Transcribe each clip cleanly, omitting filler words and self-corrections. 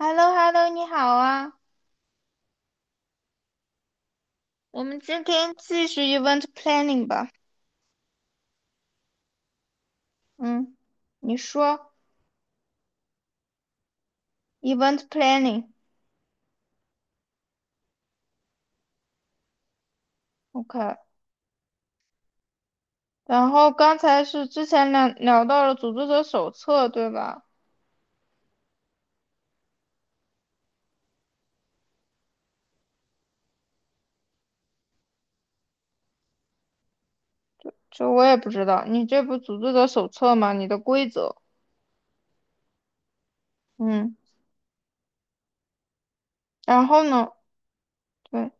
h e l l o h e l l o 你好啊，我们今天继续 event planning 吧。嗯，你说 event planning，OK。然后刚才是之前聊到了组织者手册，对吧？这我也不知道，你这不组织者手册吗？你的规则，嗯，然后呢？对，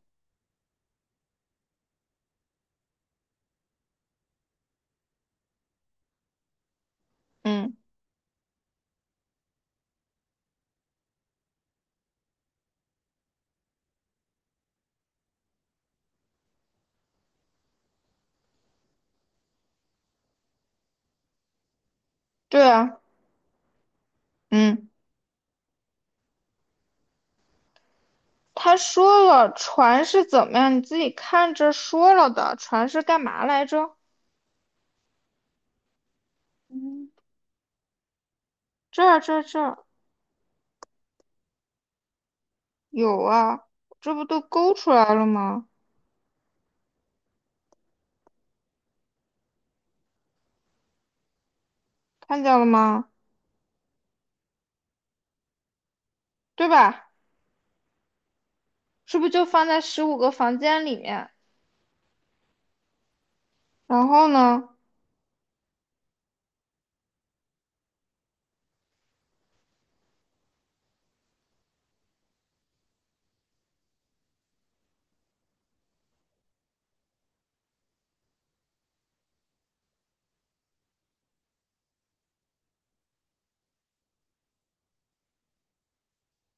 嗯，对啊，嗯，他说了船是怎么样，你自己看着说了的，船是干嘛来着？嗯，这儿这儿这儿有啊，这不都勾出来了吗？看见了吗？对吧？是不是就放在十五个房间里面？然后呢？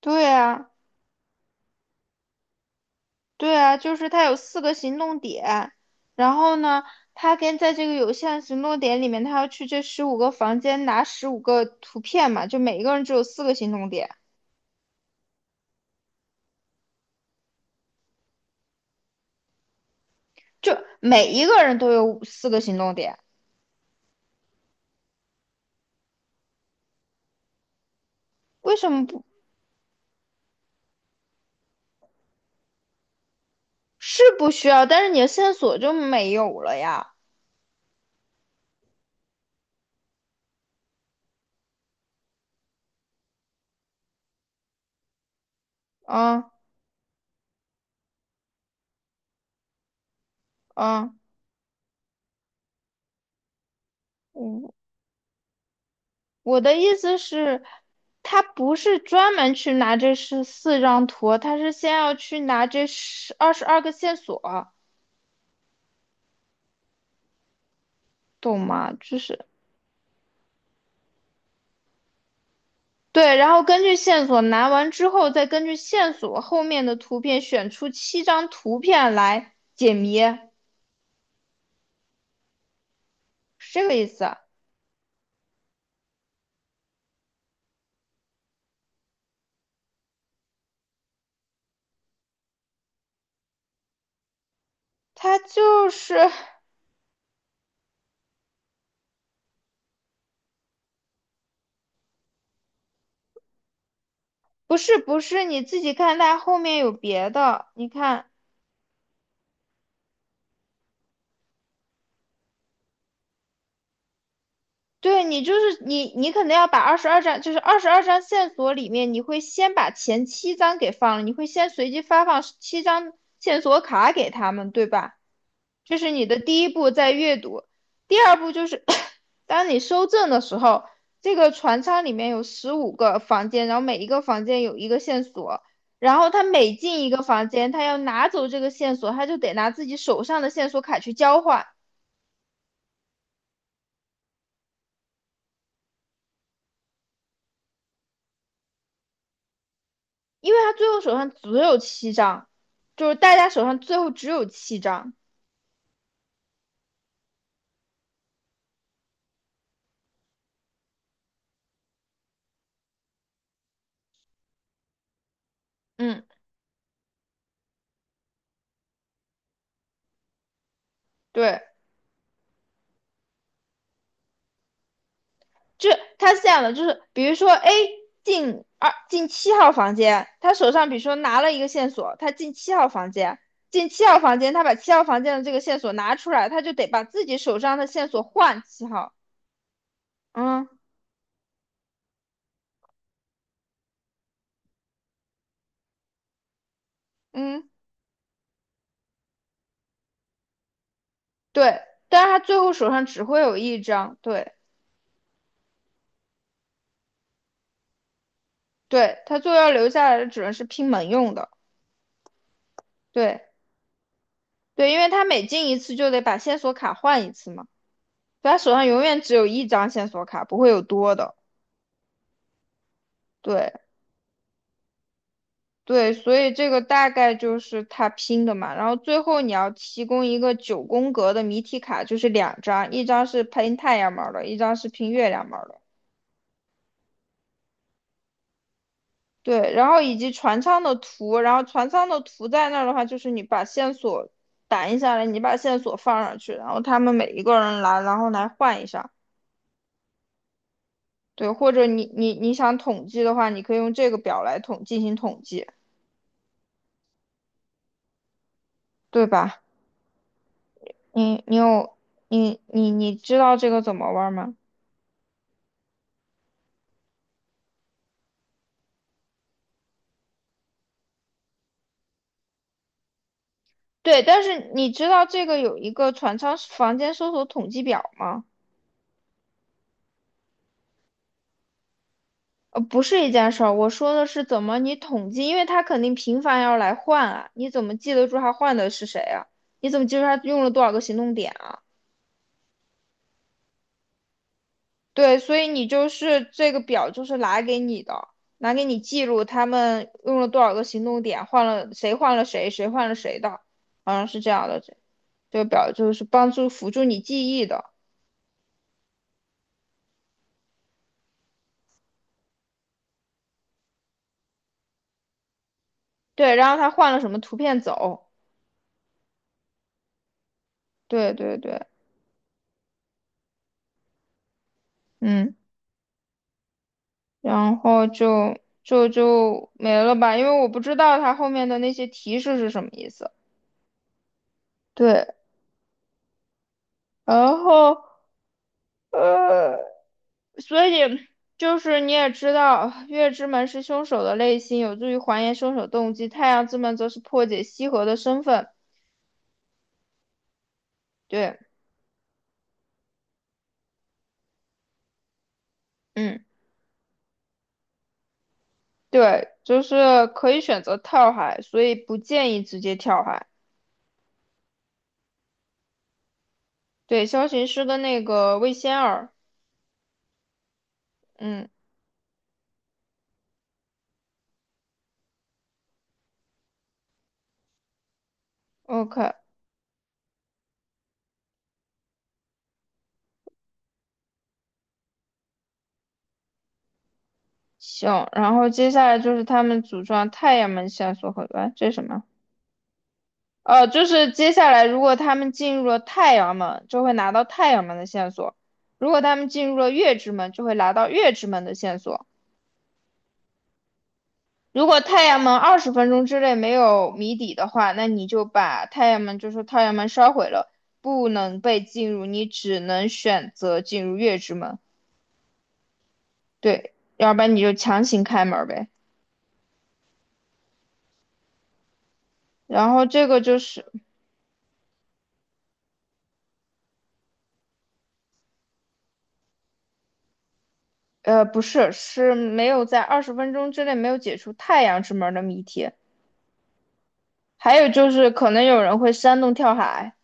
对啊，对啊，就是他有四个行动点，然后呢，他跟在这个有限行动点里面，他要去这十五个房间拿15个图片嘛，就每一个人只有四个行动点，就每一个人都有五四个行动点，为什么不是不需要？但是你的线索就没有了呀？嗯嗯嗯。我的意思是，他不是专门去拿这14张图，他是先要去拿这十二十二个线索，懂吗？就是对，然后根据线索拿完之后，再根据线索后面的图片选出7张图片来解谜，是这个意思啊，他就是不是不是，你自己看，他后面有别的，你看，对，你就是你，你可能要把二十二张，就是二十二张线索里面，你会先把前7张给放了，你会先随机发放七张线索卡给他们，对吧？这是你的第一步，在阅读。第二步就是 当你收证的时候，这个船舱里面有十五个房间，然后每一个房间有一个线索，然后他每进一个房间，他要拿走这个线索，他就得拿自己手上的线索卡去交换。因为他最后手上只有七张，就是大家手上最后只有七张。嗯，对，这他是这样的，就是比如说 A 进7号房间，他手上比如说拿了一个线索，他进七号房间，他把七号房间的这个线索拿出来，他就得把自己手上的线索换七号。嗯嗯，对，但是他最后手上只会有一张，对对，他最后要留下来的只能是拼门用的，对。对，因为他每进一次就得把线索卡换一次嘛，所以他手上永远只有一张线索卡，不会有多的。对对，所以这个大概就是他拼的嘛。然后最后你要提供一个九宫格的谜题卡，就是2张，一张是拼太阳门儿的，一张是拼月亮门儿的。对，然后以及船舱的图，然后船舱的图在那儿的话，就是你把线索打印下来，你把线索放上去，然后他们每一个人来，然后来换一下。对，或者你想统计的话，你可以用这个表来进行统计，对吧？你你有你你你知道这个怎么玩吗？对，但是你知道这个有一个船舱房间搜索统计表吗？不是一件事儿，我说的是怎么你统计，因为他肯定频繁要来换啊，你怎么记得住他换的是谁啊？你怎么记住他用了多少个行动点啊？对，所以你就是这个表就是拿给你的，拿给你记录他们用了多少个行动点，换了谁换了谁，谁换了谁的，好像是这样的。这个表就是帮助辅助你记忆的。对，然后他换了什么图片走？对对对，嗯，然后就没了吧，因为我不知道他后面的那些提示是什么意思。对，然后呃。所以就是你也知道，月之门是凶手的内心，有助于还原凶手动机；太阳之门则是破解西河的身份。对，嗯，对，就是可以选择跳海，所以不建议直接跳海。对，萧行师的那个魏仙儿，嗯，OK，行。然后接下来就是他们组装太阳门线索和，哎，这是什么？就是接下来如果他们进入了太阳门，就会拿到太阳门的线索；如果他们进入了月之门，就会拿到月之门的线索。如果太阳门二十分钟之内没有谜底的话，那你就把太阳门，就说太阳门烧毁了，不能被进入，你只能选择进入月之门。对，要不然你就强行开门呗。然后这个就是，不是，是没有在二十分钟之内没有解除太阳之门的谜题。还有就是可能有人会煽动跳海，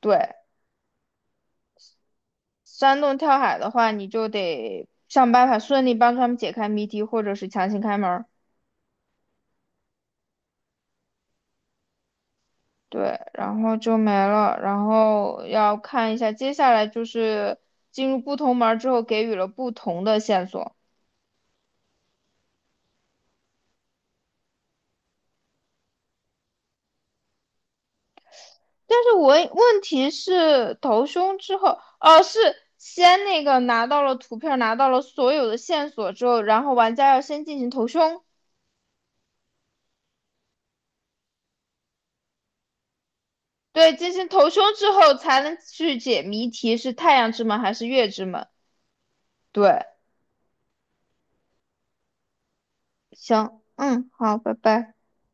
对，煽动跳海的话，你就得想办法顺利帮他们解开谜题，或者是强行开门儿，对，然后就没了，然后要看一下接下来就是进入不同门儿之后给予了不同的线索，但是我问题是投凶之后，哦是。先那个拿到了图片，拿到了所有的线索之后，然后玩家要先进行投凶，对，进行投凶之后才能去解谜题，是太阳之门还是月之门？对，行，嗯，好，拜拜。